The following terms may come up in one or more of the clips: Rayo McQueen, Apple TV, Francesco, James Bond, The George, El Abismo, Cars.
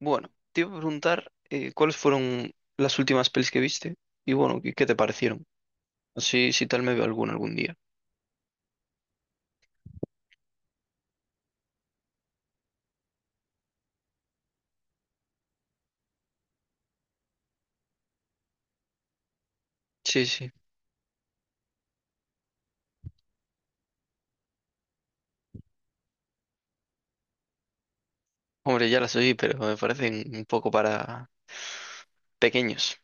Bueno, te iba a preguntar cuáles fueron las últimas pelis que viste y bueno, qué te parecieron? Así, si tal me veo alguna algún día. Sí, sí. Hombre, ya las oí, pero me parecen un poco para pequeños.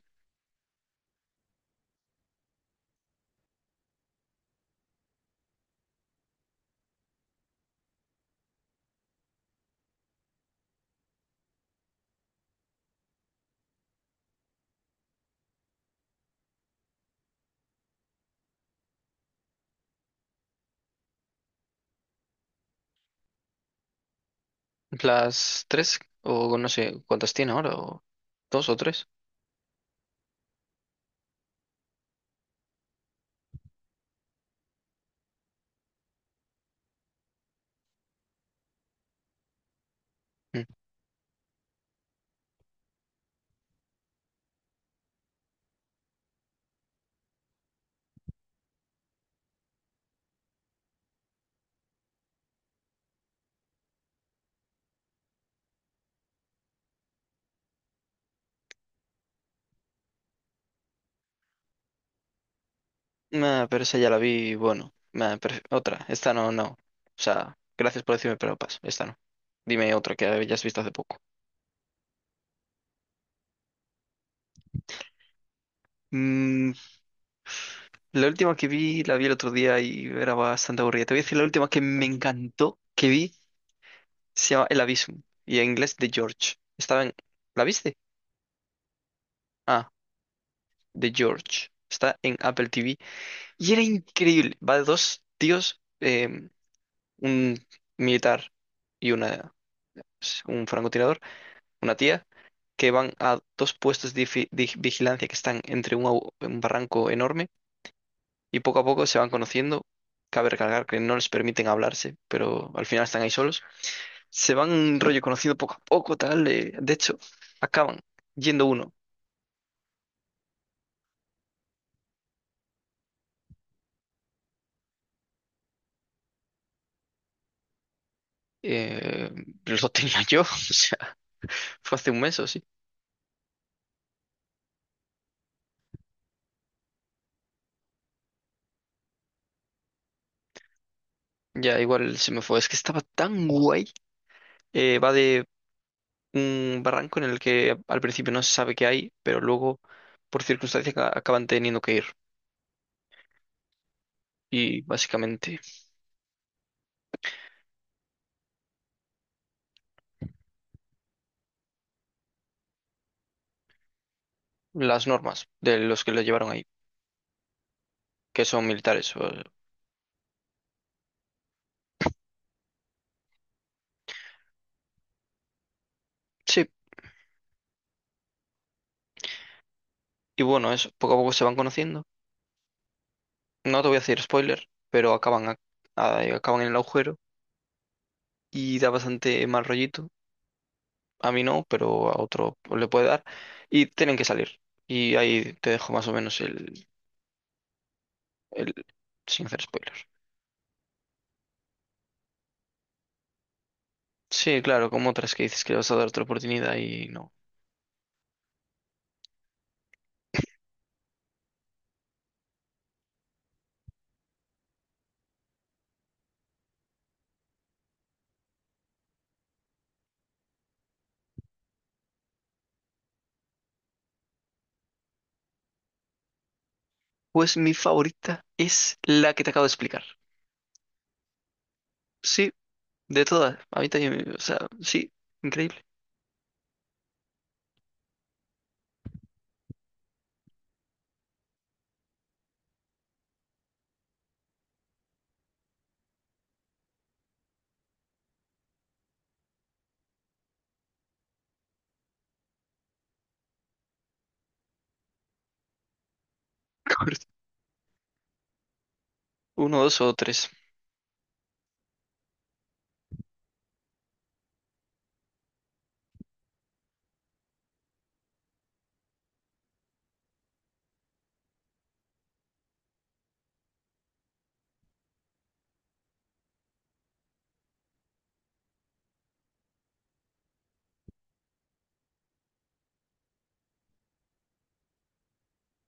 Las tres, o no sé cuántas tiene ahora, o dos o tres. Mm. Nah, pero esa ya la vi, bueno. Nah, pero otra, esta no, no. O sea, gracias por decirme, pero paso, esta no. Dime otra que hayas visto hace poco. Mm, La última que vi, la vi el otro día y era bastante aburrida. Te voy a decir la última que me encantó que vi, se llama El Abismo y en inglés The George. Estaba en... ¿La viste? Ah, The George. Está en Apple TV y era increíble. Va de dos tíos, un militar y una, pues, un francotirador, una tía, que van a dos puestos de de vigilancia que están entre un, un barranco enorme y poco a poco se van conociendo. Cabe recalcar que no les permiten hablarse, pero al final están ahí solos. Se van rollo conociendo poco a poco, tal. De hecho, acaban yendo uno. Eh, lo tenía yo, o sea, fue hace un mes o sí. Ya igual se me fue. Es que estaba tan guay. Va de un barranco en el que al principio no se sabe qué hay, pero luego, por circunstancias, acaban teniendo que ir. Y básicamente las normas de los que lo llevaron ahí, que son militares. O- Sí. Y bueno, eso, poco a poco se van conociendo. No te voy a hacer spoiler, pero acaban, acaban en el agujero y da bastante mal rollito. A mí no, pero a otro le puede dar. Y tienen que salir. Y ahí te dejo más o menos el sin hacer spoilers. Sí, claro, como otras que dices que le vas a dar otra oportunidad y no. Pues mi favorita es la que te acabo de explicar. Sí, de todas. A mí también, o sea, sí, increíble. Uno, dos o tres.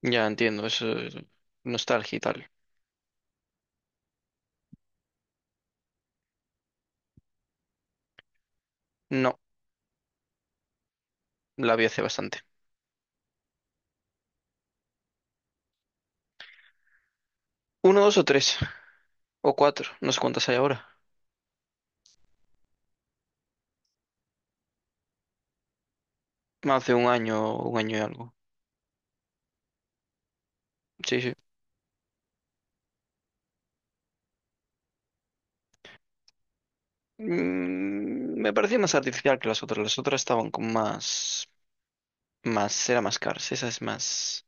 Ya entiendo, eso es nostalgia y tal. No, la vi hace bastante. Uno, dos o tres, o cuatro, no sé cuántas hay ahora. Hace un año y algo. Sí, sí. Mm, me parecía más artificial que las otras. Las otras estaban con más, más, era más Cars. Esa es más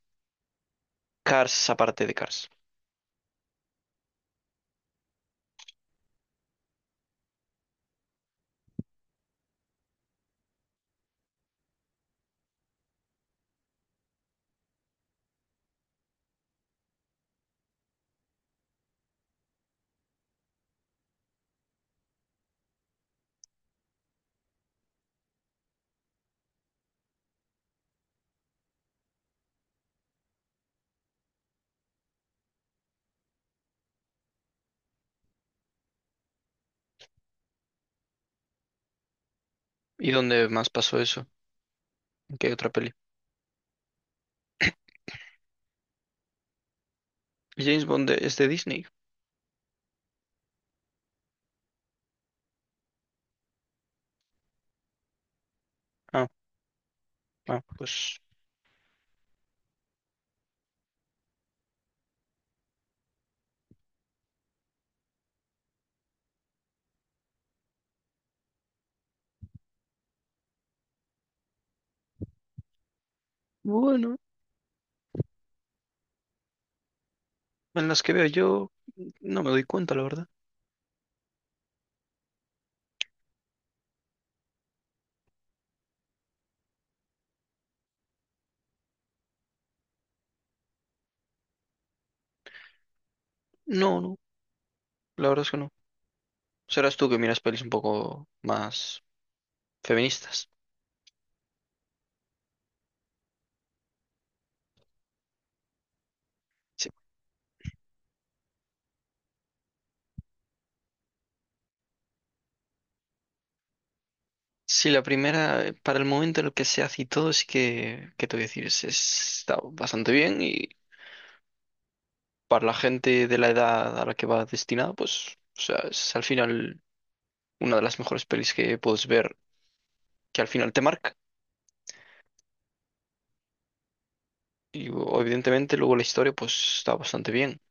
Cars aparte de Cars. ¿Y dónde más pasó eso? ¿En qué otra peli? James Bond es de Disney. Ah, ah, pues bueno, en las que veo yo no me doy cuenta, la verdad. No, no, la verdad es que no. Serás tú que miras pelis un poco más feministas. Sí, la primera, para el momento en el que se hace y todo, sí que, ¿qué te voy a decir? Está bastante bien y para la gente de la edad a la que va destinada, pues, o sea, es al final una de las mejores pelis que puedes ver, que al final te marca. Evidentemente luego la historia, pues, está bastante bien.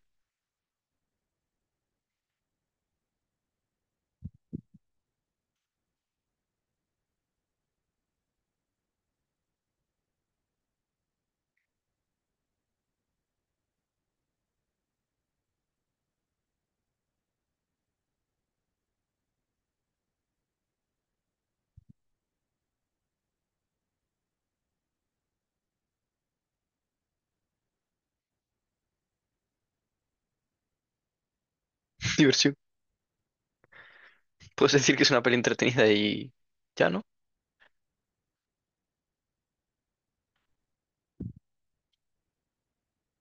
Diversión. Puedes decir que es una peli entretenida y ya, ¿no?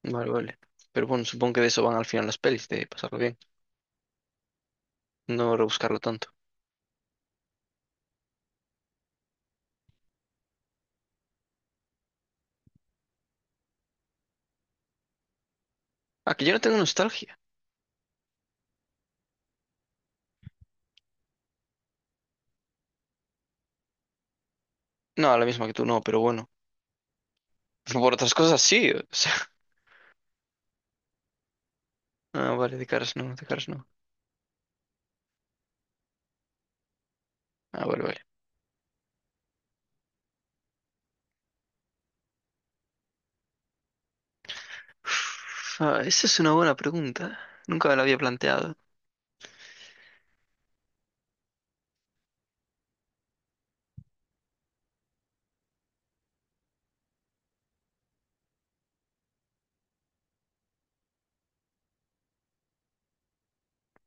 Vale, vale. Pero bueno, supongo que de eso van al final las pelis, de pasarlo bien, no rebuscarlo tanto. Ah, que yo no tengo nostalgia. No, la misma que tú no, pero bueno. Por otras cosas sí. O sea, ah, vale, de caras no, de caras no. Ah, vale, vale. Uf, esa es una buena pregunta. Nunca me la había planteado.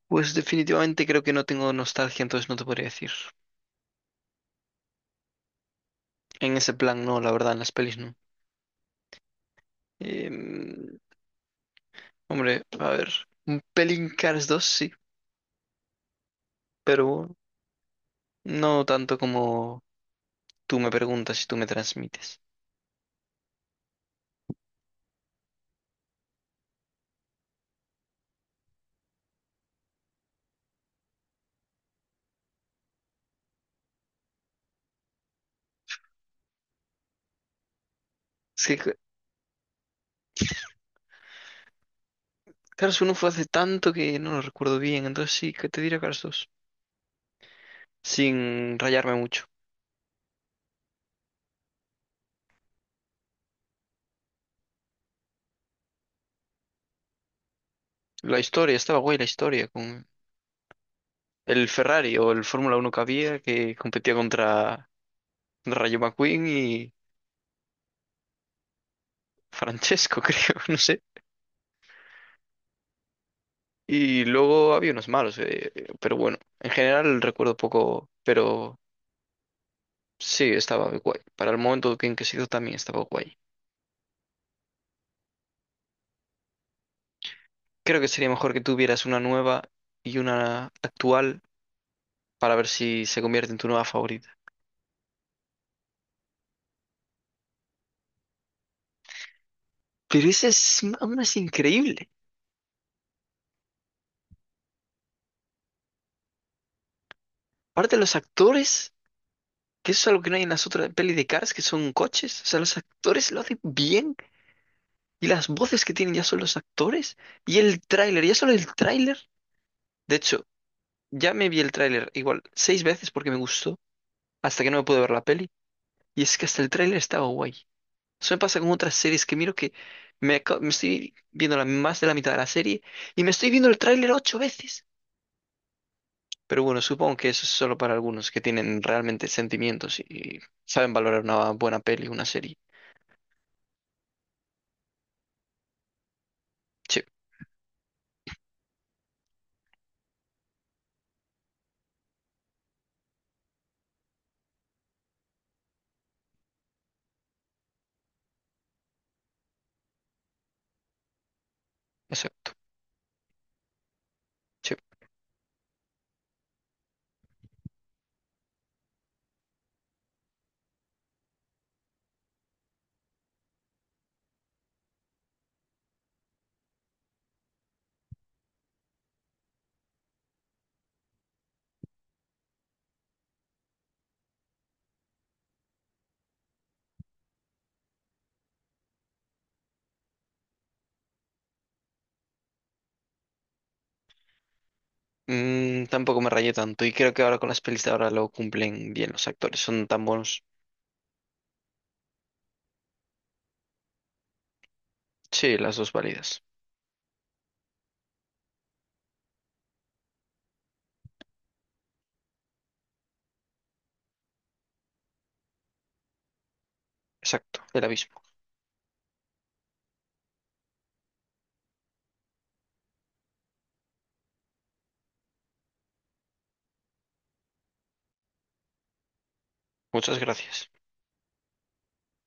Pues definitivamente creo que no tengo nostalgia, entonces no te podría decir. En ese plan no, la verdad, en las pelis no. Em, hombre, a ver, un pelín Cars dos, sí, pero no tanto como tú me preguntas y tú me transmites. Es que Cars uno fue hace tanto que no lo recuerdo bien, entonces sí, que te diré Cars dos. Sin rayarme mucho. La historia, estaba guay la historia, con el Ferrari o el Fórmula Uno que había que competía contra Rayo McQueen y Francesco, creo, no sé. Y luego había unos malos, pero bueno, en general recuerdo poco, pero sí, estaba guay. Para el momento en que se hizo también estaba guay. Creo que sería mejor que tuvieras una nueva y una actual para ver si se convierte en tu nueva favorita. Pero esa es aún es increíble. Aparte los actores, que eso es algo que no hay en las otras pelis de Cars, que son coches. O sea, los actores lo hacen bien. Y las voces que tienen ya son los actores. Y el tráiler, ya solo el tráiler. De hecho, ya me vi el tráiler igual 6 veces porque me gustó, hasta que no me pude ver la peli. Y es que hasta el tráiler estaba guay. Eso me pasa con otras series que miro que me, me estoy viendo la, más de la mitad de la serie y me estoy viendo el tráiler 8 veces. Pero bueno, supongo que eso es solo para algunos que tienen realmente sentimientos y saben valorar una buena peli, una serie. Sí, exacto. Sí. Mm, tampoco me rayé tanto y creo que ahora con las pelis de ahora lo cumplen bien los actores, son tan buenos. Sí, las dos válidas. Exacto, el abismo. Muchas gracias.